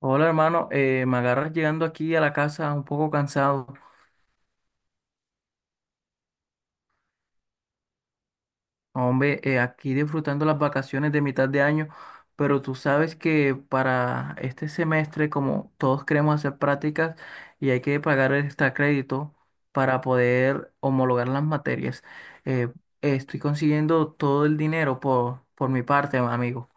Hola hermano, me agarras llegando aquí a la casa un poco cansado. Hombre, aquí disfrutando las vacaciones de mitad de año, pero tú sabes que para este semestre, como todos queremos hacer prácticas y hay que pagar el extra crédito para poder homologar las materias, eh, estoy consiguiendo todo el dinero por mi parte, amigo.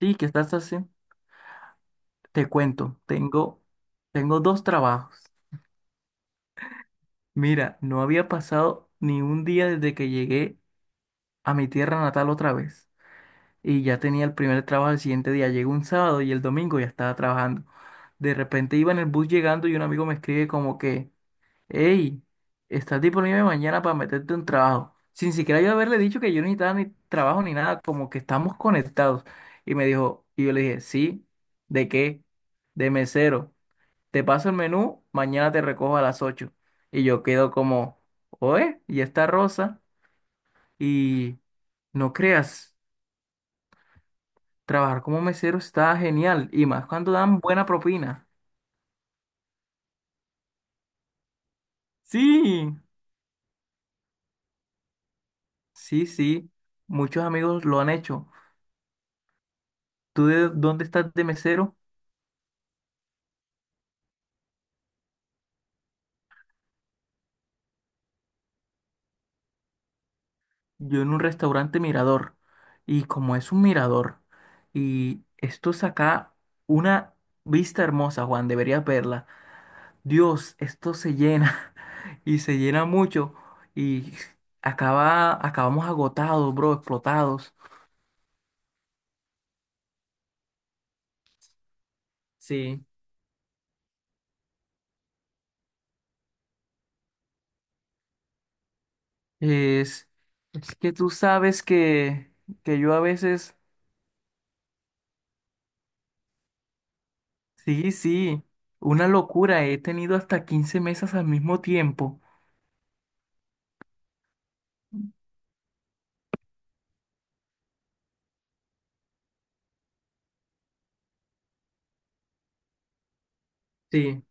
Sí, ¿qué estás haciendo? Te cuento, tengo dos trabajos. Mira, no había pasado ni un día desde que llegué a mi tierra natal otra vez. Y ya tenía el primer trabajo el siguiente día. Llegó un sábado y el domingo ya estaba trabajando. De repente iba en el bus llegando y un amigo me escribe como que, hey, ¿estás disponible mañana para meterte un trabajo? Sin siquiera yo haberle dicho que yo no necesitaba ni trabajo ni nada, como que estamos conectados. Y me dijo, y yo le dije, sí, ¿de qué? De mesero. Te paso el menú, mañana te recojo a las 8. Y yo quedo como, oye, y está Rosa. Y no creas. Trabajar como mesero está genial y más cuando dan buena propina. Sí, sí, sí. Muchos amigos lo han hecho. ¿Tú de dónde estás de mesero? Yo en un restaurante mirador. Y como es un mirador, y esto saca una vista hermosa, Juan, deberías verla. Dios, esto se llena y se llena mucho y acaba, acabamos agotados, bro, explotados. Sí. Es, es que tú sabes que yo a veces, sí, sí, una locura, he tenido hasta 15 mesas al mismo tiempo. Sí,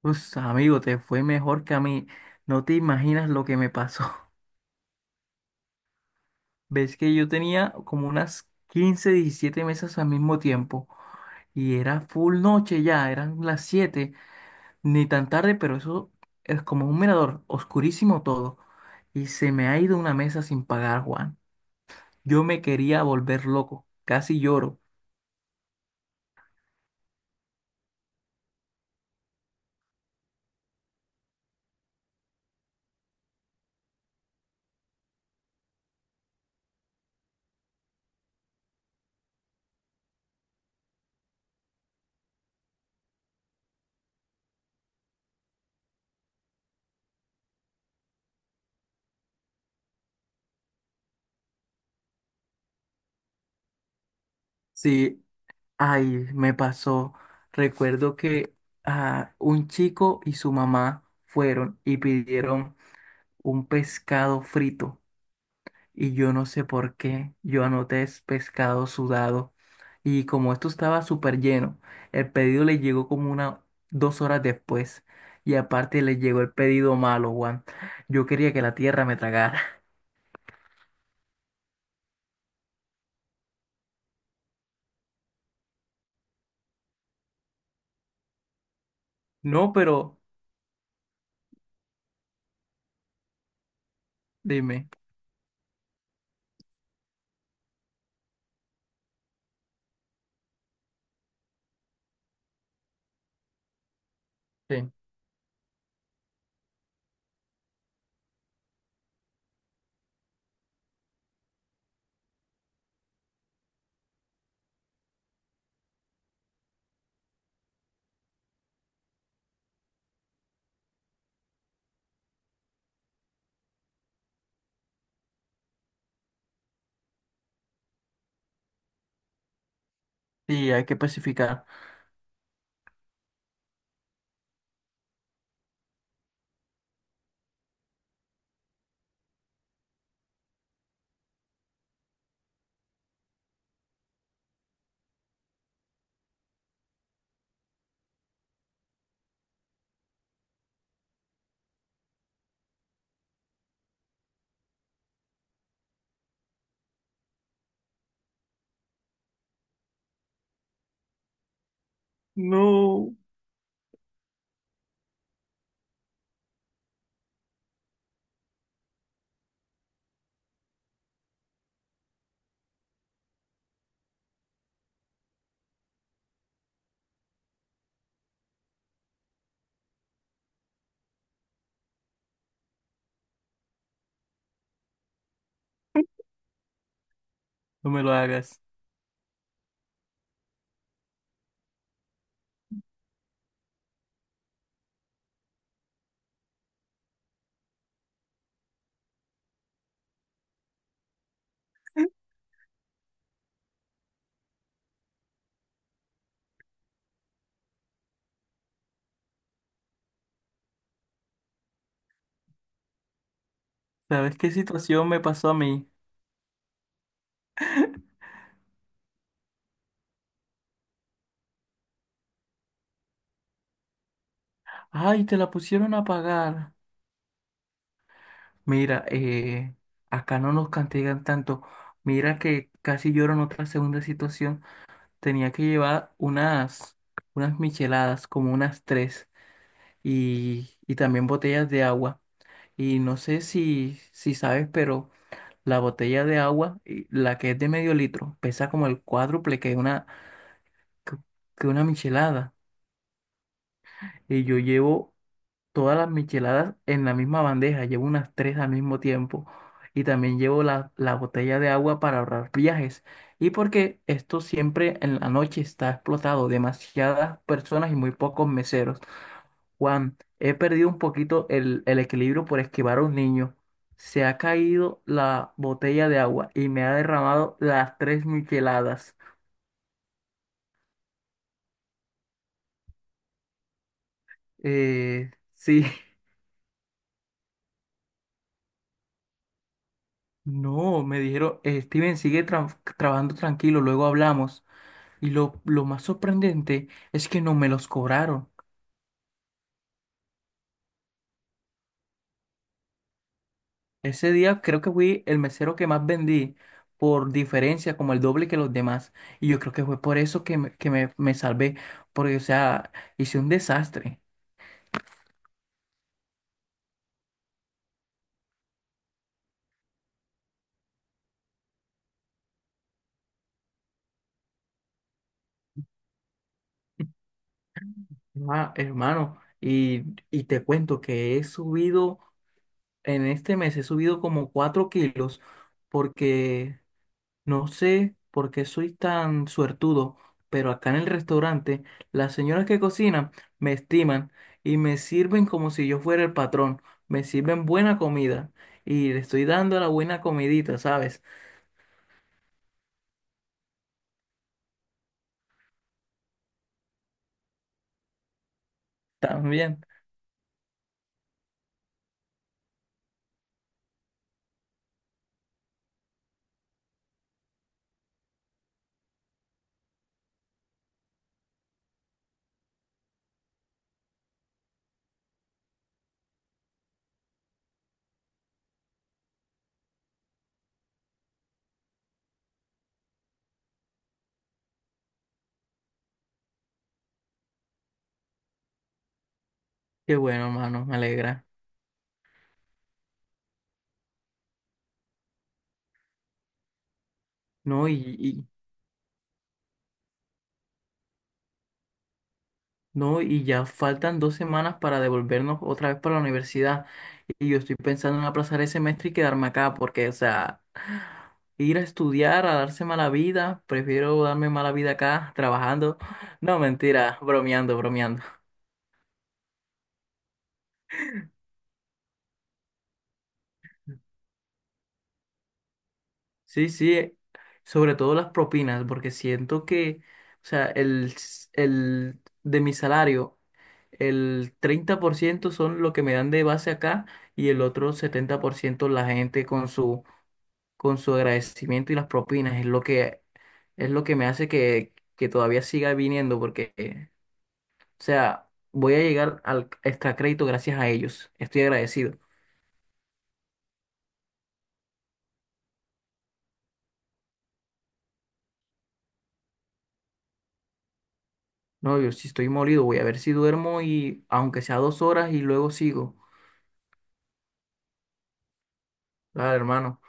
pues amigo, te fue mejor que a mí. No te imaginas lo que me pasó. Ves que yo tenía como unas 15 17 mesas al mismo tiempo. Y era full noche ya, eran las 7, ni tan tarde, pero eso es como un mirador, oscurísimo todo. Y se me ha ido una mesa sin pagar, Juan. Yo me quería volver loco, casi lloro. Sí, ay, me pasó. Recuerdo que ah, un chico y su mamá fueron y pidieron un pescado frito y yo no sé por qué, yo anoté es pescado sudado y como esto estaba súper lleno, el pedido le llegó como una 2 horas después y aparte le llegó el pedido malo, Juan. Yo quería que la tierra me tragara. No, pero dime. Sí. Sí, hay que pacificar. No, no me lo hagas. ¿Sabes qué situación me pasó a mí? Ay, te la pusieron a pagar. Mira, acá no nos castigan tanto. Mira que casi lloro en otra segunda situación. Tenía que llevar unas micheladas, como unas tres, y también botellas de agua. Y no sé si sabes, pero la botella de agua, y la que es de medio litro, pesa como el cuádruple que una, que que una michelada. Y yo llevo todas las micheladas en la misma bandeja, llevo unas tres al mismo tiempo. Y también llevo la botella de agua para ahorrar viajes. Y porque esto siempre en la noche está explotado, demasiadas personas y muy pocos meseros. Juan, he perdido un poquito el equilibrio por esquivar a un niño. Se ha caído la botella de agua y me ha derramado las tres micheladas. Sí. No, me dijeron: Steven, sigue trabajando tranquilo, luego hablamos". Y lo más sorprendente es que no me los cobraron. Ese día creo que fui el mesero que más vendí, por diferencia, como el doble que los demás. Y yo creo que fue por eso que me salvé, porque, o sea, hice un desastre. Ah, hermano. Y te cuento que he subido, en este mes he subido como 4 kilos, porque... No sé por qué soy tan suertudo, pero acá en el restaurante las señoras que cocinan me estiman y me sirven como si yo fuera el patrón. Me sirven buena comida y le estoy dando la buena comidita, ¿sabes? También. Qué bueno, mano, me alegra. No, y, No, y ya faltan 2 semanas para devolvernos otra vez para la universidad. Y yo estoy pensando en aplazar el semestre y quedarme acá, porque, o sea, ir a estudiar, a darse mala vida, prefiero darme mala vida acá, trabajando. No, mentira, bromeando, bromeando. Sí, sí, sobre todo las propinas, porque siento que, o sea, el de mi salario, el 30% son lo que me dan de base acá y el otro 70% la gente con su agradecimiento y las propinas es lo que me hace que todavía siga viniendo porque, o sea, voy a llegar al extra crédito gracias a ellos. Estoy agradecido. No, yo si estoy molido, voy a ver si duermo y aunque sea 2 horas y luego sigo. Claro, hermano.